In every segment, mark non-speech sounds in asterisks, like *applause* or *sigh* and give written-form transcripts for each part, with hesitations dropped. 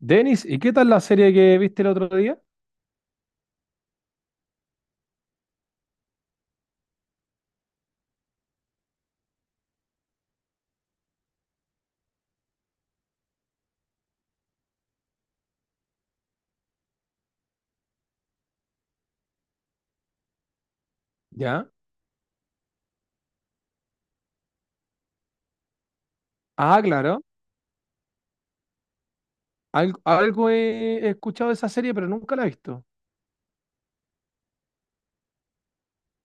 Denis, ¿y qué tal la serie que viste el otro día? Ya. Ah, claro. Algo, algo he escuchado de esa serie, pero nunca la he visto.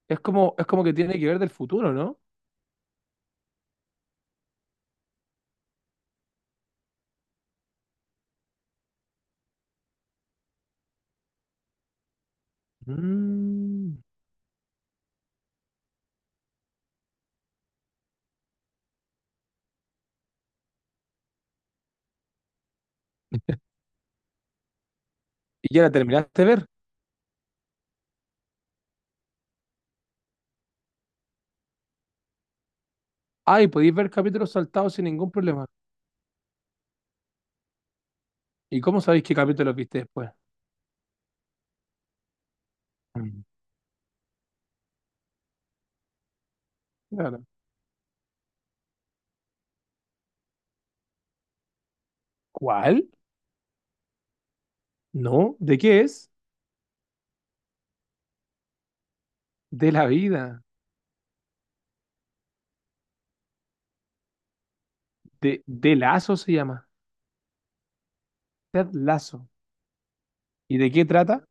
Es como que tiene que ver del futuro, ¿no? Mm. ¿Y ya la terminaste de ver? Ah, ¿y podéis ver capítulos saltados sin ningún problema? ¿Y cómo sabéis qué capítulos viste después? Mm. Claro. ¿Cuál? No. ¿De qué es? De la vida. De Lazo se llama. Ted Lazo. ¿Y de qué trata?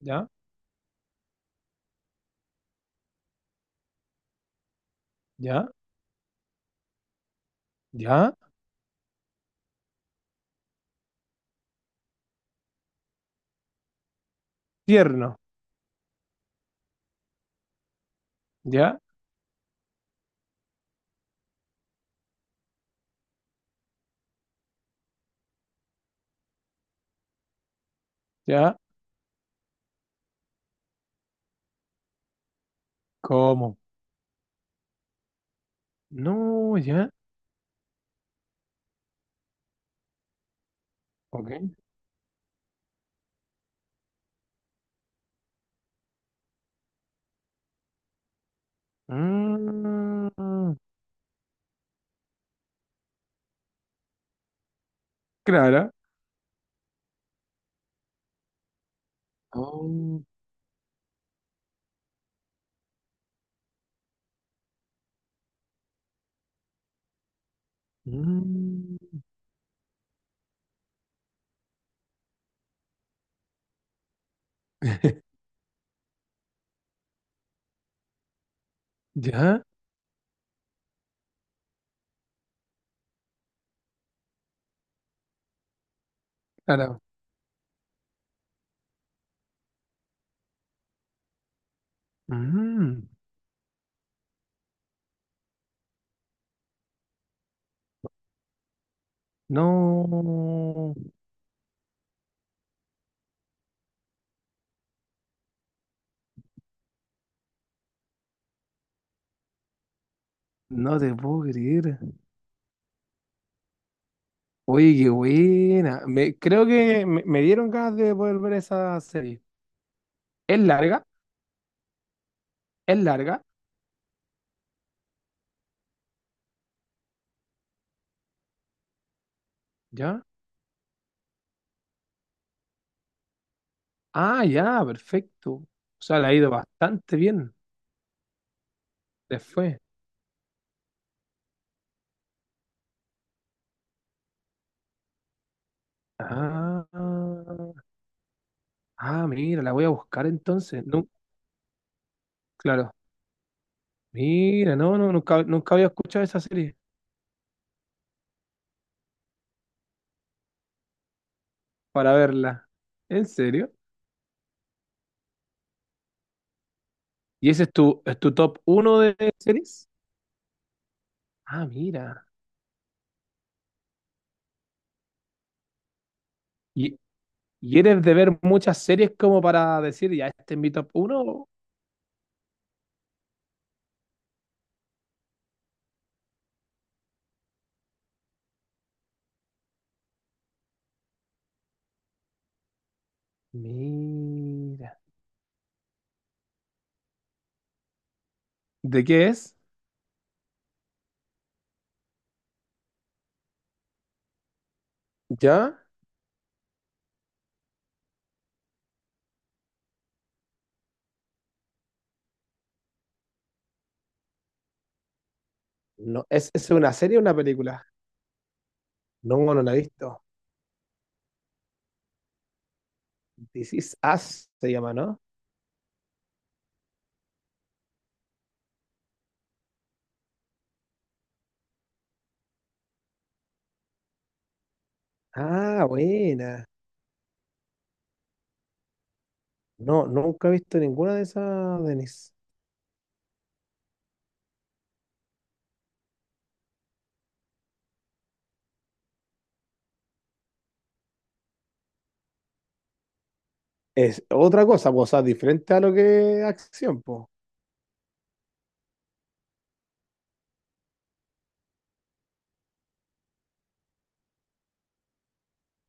Ya, ya, ya. Tierno. Ya, ya. ¿Cómo? No, ya. Ok. Mm, clara. Oh, mm, *laughs* ya. Claro. Mm, no. No te puedo creer. Oye, qué buena. Me, creo que me dieron ganas de volver ver esa serie. Es larga, es larga. Ya. Ah, ya, perfecto. O sea, le ha ido bastante bien. Después. Ah, ah, mira, la voy a buscar entonces. No, claro. Mira, no, no, nunca, nunca había escuchado esa serie para verla. ¿En serio? ¿Y ese es tu top uno de series? Ah, mira. ¿Y, y eres de ver muchas series como para decir, ya, este es mi top uno? Mira. ¿De qué es? ¿Ya? No, es una serie o una película? No, no la he visto. This Is Us se llama, ¿no? Ah, buena. No, nunca he visto ninguna de esas, Denis. Es otra cosa, pues, o sea, diferente a lo que es acción, pues.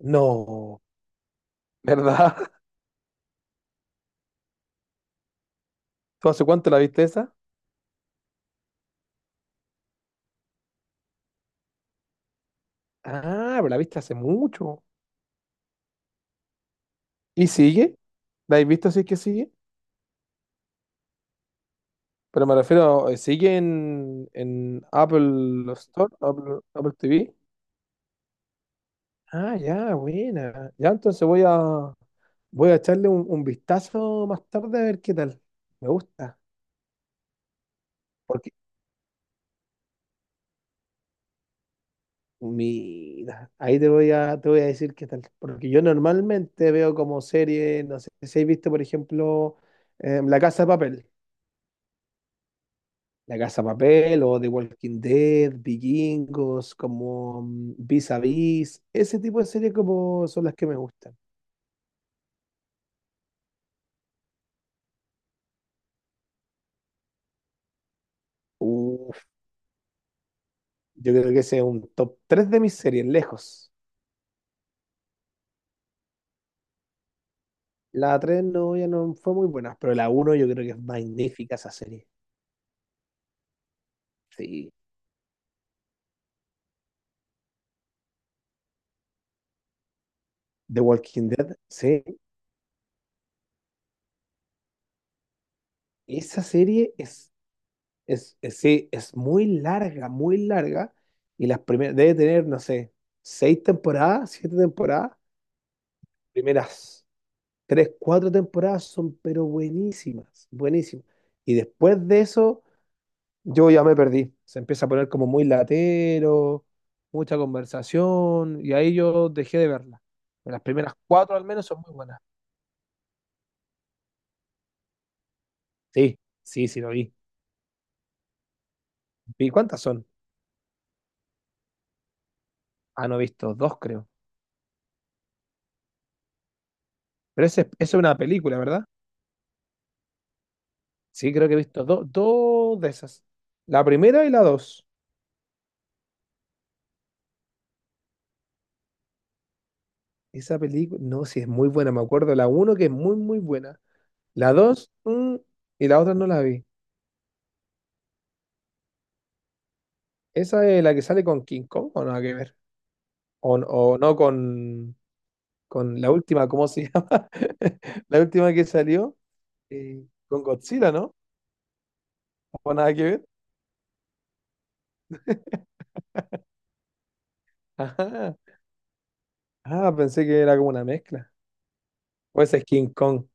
No, ¿verdad? *laughs* ¿Tú hace cuánto la viste esa? Ah, pero la viste hace mucho. ¿Y sigue? ¿La has visto si es que sigue? Pero me refiero, ¿sigue en Apple Store, Apple, Apple TV? Ah, ya, buena. Ya, entonces voy a, voy a echarle un vistazo más tarde a ver qué tal. Me gusta. Porque, mira, ahí te voy a decir qué tal. Porque yo normalmente veo como serie, no sé si has visto, por ejemplo, La Casa de Papel. La Casa de Papel o The Walking Dead, Vikingos, como mm, Vis a Vis, ese tipo de series como son las que me gustan. Uf, yo creo que ese es un top 3 de mis series, lejos. La 3 no, ya no fue muy buena, pero la uno yo creo que es magnífica esa serie. Sí. The Walking Dead, sí. Esa serie es, es- sí, es muy larga, muy larga. Y las primeras, debe tener, no sé, seis temporadas, siete temporadas. Primeras tres, cuatro temporadas son, pero buenísimas, buenísimas. Y después de eso, yo ya me perdí. Se empieza a poner como muy latero, mucha conversación, y ahí yo dejé de verla. Pero las primeras cuatro al menos son muy buenas. Sí, sí, sí lo vi. ¿Y cuántas son? Ah, no he visto dos, creo. Pero ese- esa es una película, ¿verdad? Sí, creo que he visto do- dos de esas. La primera y la dos. Esa película, no, sí, es muy buena. Me acuerdo la uno que es muy, muy buena. La dos, mm, y la otra no la vi. ¿Esa es la que sale con King Kong o nada que ver? ¿O, n- o no con, con la última, ¿cómo se llama? *laughs* La última que salió con Godzilla, ¿no? ¿O nada que ver? Ajá. Ah, pensé que era como una mezcla. O esa es King Kong.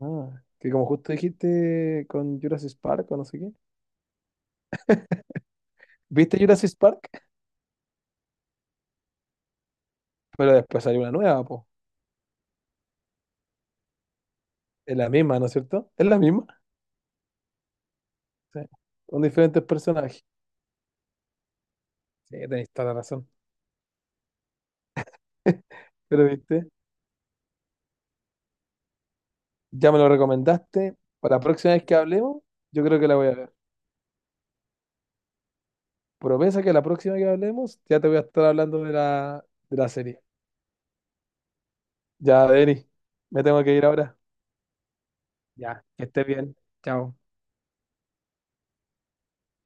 Ah, que como justo dijiste con Jurassic Park o no sé qué. ¿Viste Jurassic Park? Pero después salió una nueva, po. Es la misma, ¿no es cierto? Es la misma. Sí. Con diferentes personajes. Sí, tenéis toda la razón. Pero viste. Ya me lo recomendaste. Para la próxima vez que hablemos, yo creo que la voy a ver. Promesa que la próxima que hablemos, ya te voy a estar hablando de la serie. Ya, Denis, me tengo que ir ahora. Ya, que estés bien. Chao.